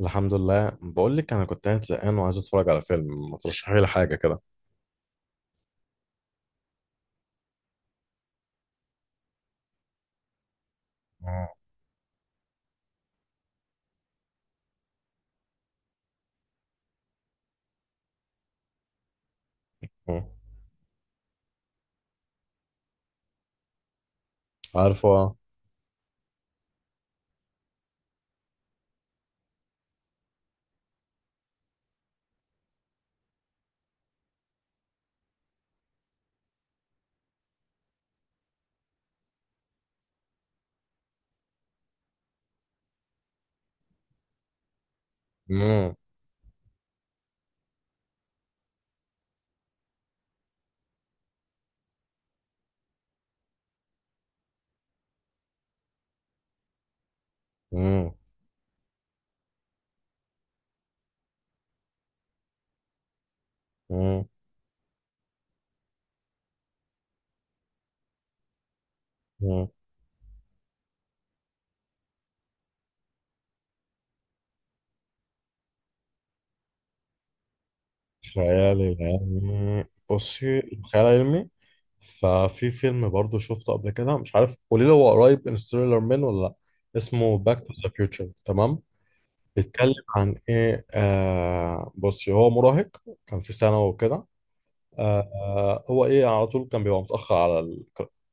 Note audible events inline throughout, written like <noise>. الحمد لله. بقول لك انا كنت قاعد زهقان وعايز اتفرج على فيلم، ما ترشحي لي حاجه كده. مم. عارفه. مم. مم. مم. مم. خيال علمي. بصي، خيال علمي، ففي فيلم برضو شفته قبل كده، مش عارف، قولي لي هو قريب انستيلر من ولا لا. اسمه باك تو ذا فيوتشر، تمام؟ بيتكلم عن ايه؟ بصي، هو مراهق كان في ثانوي وكده. هو ايه، على طول كان بيبقى متأخر على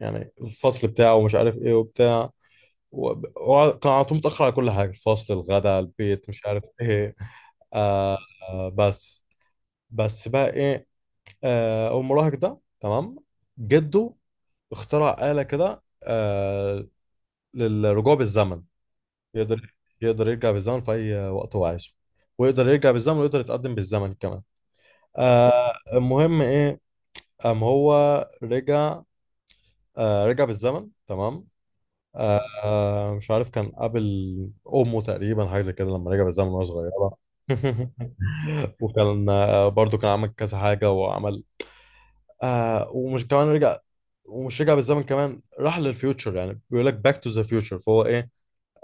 يعني الفصل بتاعه ومش عارف ايه وبتاع. هو كان على طول متأخر على كل حاجة، الفصل، الغداء، البيت، مش عارف ايه. آه بس، بقى ايه؟ المراهق ده، تمام، جده اخترع آلة كده، للرجوع بالزمن. يقدر يقدر يرجع بالزمن في أي وقت هو عايزه، ويقدر يرجع بالزمن ويقدر يتقدم بالزمن كمان. المهم ايه، قام هو رجع، رجع بالزمن، تمام. مش عارف، كان قابل امه تقريبا حاجه زي كده لما رجع بالزمن وهي صغيره. <laughs> وكان برضو كان عمل كذا حاجه، وعمل ومش كمان رجع ومش رجع بالزمن كمان، راح للفيوتشر، يعني بيقول لك باك تو ذا فيوتشر. فهو ايه،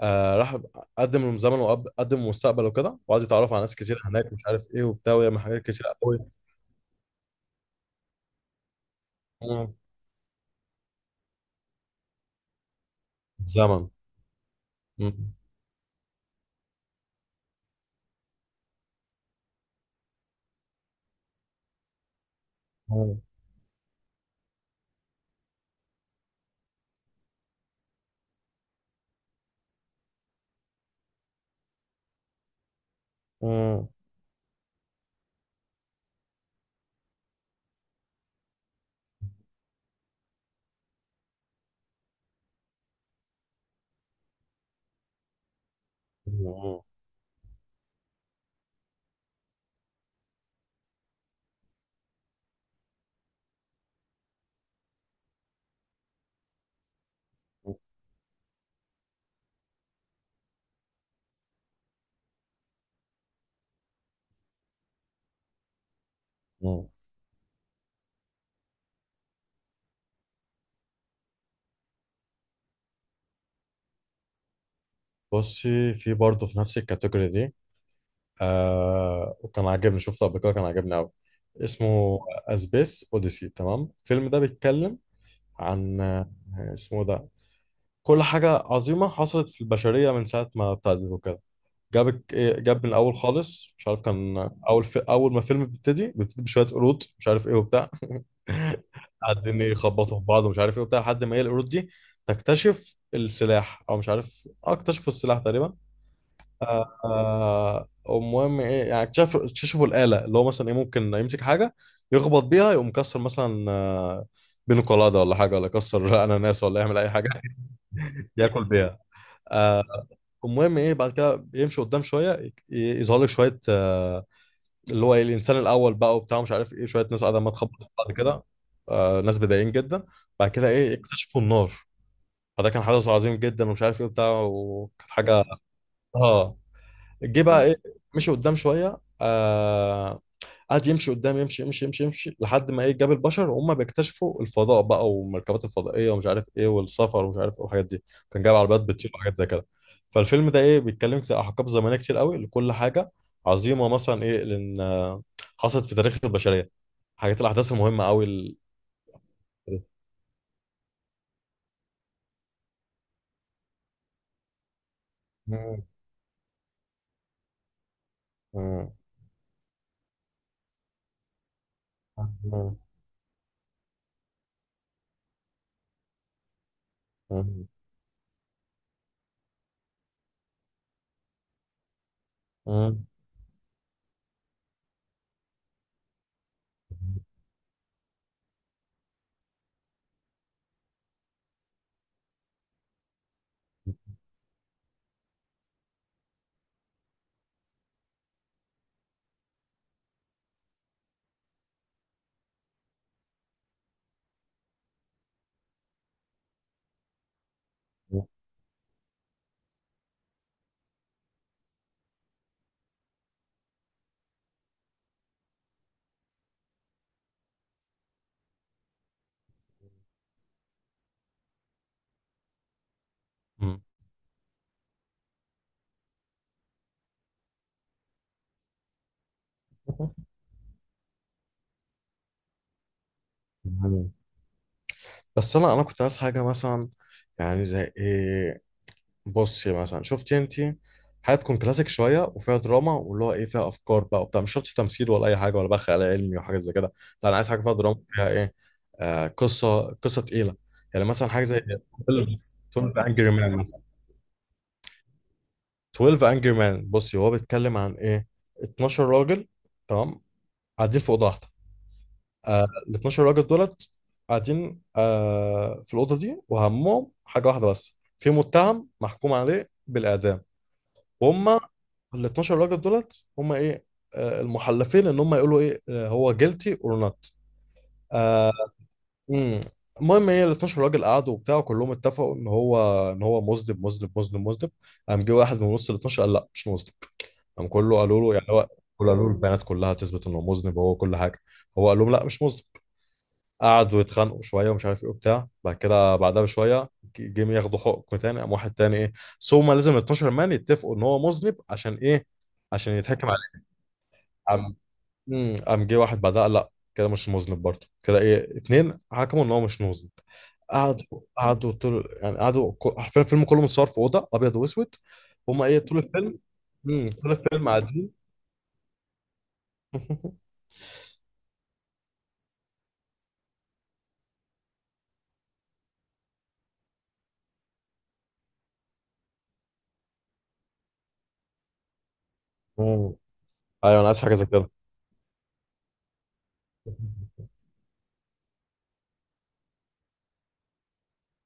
راح قدم الزمن وقدم المستقبل وكده، وقعد يتعرف على ناس كتير هناك، مش عارف ايه وبتاع، ويعمل حاجات كتير قوي. مم. زمن. مم. مم. مم. مم. مم. بصي، في برضه في نفس الكاتيجوري دي، وكان عاجبني، شفته قبل كده، كان عاجبني قوي. اسمه اسبيس اوديسي، تمام. الفيلم ده بيتكلم عن اسمه ده، كل حاجة عظيمة حصلت في البشرية من ساعة ما ابتدت وكده. جاب من الأول خالص، مش عارف، كان أول ما الفيلم بيبتدي، بيبتدي بشوية قرود، مش عارف إيه وبتاع، <laughs> قاعدين يخبطوا في بعض ومش عارف إيه وبتاع، لحد ما هي القرود دي تكتشف السلاح، أو مش عارف، اكتشفوا السلاح تقريبا. المهم ايه، يعني اكتشفوا الآلة اللي هو مثلا ايه، ممكن يمسك حاجة يخبط بيها يقوم مكسر مثلا، بينه قلادة ولا حاجة، ولا يكسر <laughs> أناناس، ولا يعمل أي حاجة، <laughs> ياكل بيها. آه، المهم ايه، بعد كده يمشي قدام شوية، يظهر لك شوية اللي هو ايه الإنسان الأول بقى وبتاع، مش عارف ايه، شوية ناس قاعدة ما تخبط في بعض كده. ناس بدائيين جدا. بعد كده ايه، اكتشفوا النار، فده كان حدث عظيم جدا، ومش عارف ايه بتاع، وكانت حاجة. اه جه. مم. بقى ايه، مشي قدام شويه، قعد يمشي قدام، يمشي يمشي يمشي يمشي لحد ما ايه، جاب البشر وهم بيكتشفوا الفضاء بقى، والمركبات الفضائيه ومش عارف ايه، والسفر ومش عارف ايه والحاجات دي. كان جايب عربيات بتطير وحاجات زي كده. فالفيلم ده ايه، بيتكلم زي احقاب زمنيه كتير قوي لكل حاجه عظيمه، مثلا ايه، لان حصلت في تاريخ البشريه، حاجات، الاحداث المهمه قوي <laughs> مم. مم. مم. مم. مم. مم. بس انا كنت عايز حاجه مثلا، يعني زي ايه، بصي مثلا، شفتي انت حاجه تكون كلاسيك شويه وفيها دراما، واللي هو ايه، فيها افكار بقى وبتاع، مش شرط تمثيل ولا اي حاجه، ولا بقى خيال علمي وحاجات زي كده. لا، انا عايز حاجه فيها دراما، فيها ايه، قصه تقيله. يعني مثلا حاجه زي 12 12 انجري مان مثلا. 12 انجري مان، بصي هو بيتكلم عن ايه، 12 راجل، تمام، قاعدين في اوضه واحده. آه، ال 12 راجل دولت قاعدين في الاوضه دي، وهمهم حاجه واحده، بس في متهم محكوم عليه بالاعدام، وهم ال 12 راجل دولت، هم ايه، المحلفين، ان هم يقولوا ايه، هو جيلتي اور نوت. امم المهم ايه، ال 12 راجل قعدوا وبتاع، وكلهم اتفقوا ان هو ان هو مذنب مذنب مذنب مذنب. قام جه واحد من وسط ال 12 قال لا، مش مذنب. قام كله قالوا له يعني هو، كله قالوا له البيانات كلها تثبت انه مذنب وهو كل حاجه، هو قال لهم لا، مش مذنب. قعدوا يتخانقوا شويه، ومش عارف ايه وبتاع. بعد كده بعدها بشويه جم ياخدوا حكم تاني، قام واحد تاني ايه، بس هما لازم ال 12 مان يتفقوا ان هو مذنب، عشان ايه، عشان يتحكم عليه. قام قام جه واحد بعدها قال لا، كده مش مذنب برضه، كده ايه، اتنين حكموا ان هو مش مذنب. قعدوا قعدوا طول، يعني قعدوا حرفيا الفيلم كله متصور في اوضه ابيض واسود. هما ايه طول الفيلم، طول الفيلم قاعدين. <laughs> مم. ايوه، انا عايز حاجه زي كده.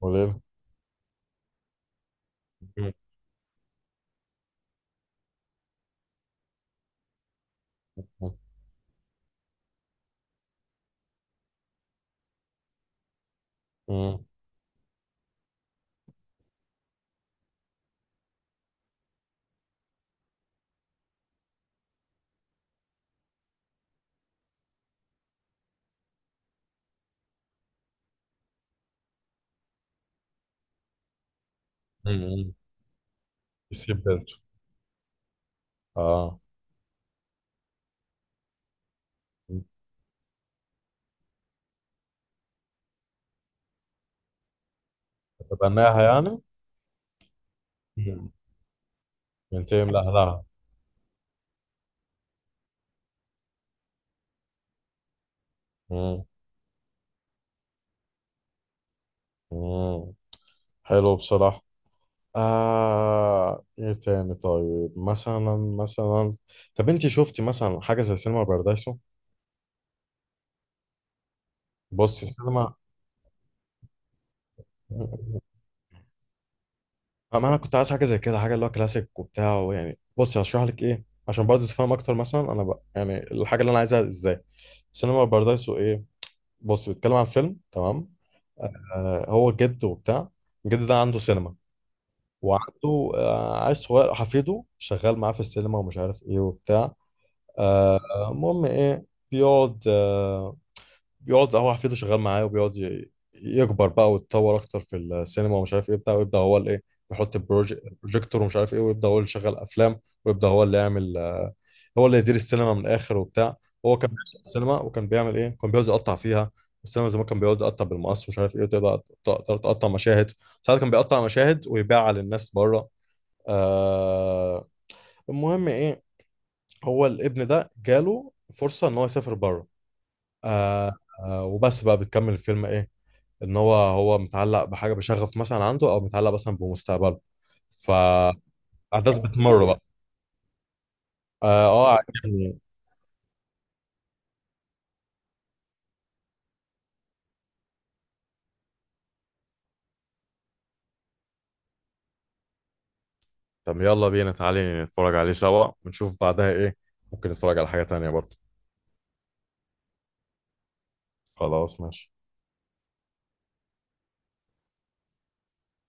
<laughs> قليل. يسيب بنت. اه. تتبناها يعني. مم. ينتمي لأهلها. مم. مم. حلو بصراحة. ايه تاني، طيب مثلا مثلا، طب انت شفتي مثلا حاجة زي سينما بارادايسو؟ بصي، السينما، ما انا كنت عايز حاجة زي كده، حاجة اللي هو كلاسيك وبتاع، يعني بصي هشرح لك ايه عشان برضه تفهم اكتر مثلا انا بقى، يعني الحاجة اللي انا عايزها ازاي. سينما بارادايسو ايه، بص بيتكلم عن فيلم، تمام، هو جد وبتاع، الجد ده عنده سينما، وعنده عيل صغير حفيده شغال معاه في السينما، ومش عارف ايه وبتاع. آه، المهم ايه، بيقعد آه، بيقعد هو حفيده شغال معاه، وبيقعد يكبر بقى ويتطور اكتر في السينما، ومش عارف ايه بتاع، ويبدا هو الايه، يحط البروجيكتور، ومش عارف ايه، ويبدا هو اللي يشغل افلام، ويبدا هو اللي يعمل هو اللي يدير السينما من الاخر وبتاع. هو كان بيشتغل السينما وكان بيعمل ايه، كان بيقعد يقطع فيها. السينما زمان كان بيقعد يقطع بالمقص، ومش عارف ايه، وتقدر تقطع مشاهد. ساعات كان بيقطع مشاهد ويبيعها للناس بره. آه المهم ايه، هو الابن ده جاله فرصة ان هو يسافر بره. آه وبس بقى، بتكمل الفيلم ايه، ان هو متعلق بحاجة بشغف مثلا عنده، او متعلق مثلا بمستقبله، فأحداث بتمر بقى. اه. عجبني. طب يلا بينا، تعالي نتفرج عليه سوا ونشوف بعدها ايه، ممكن نتفرج على حاجة تانية برضه. خلاص ماشي.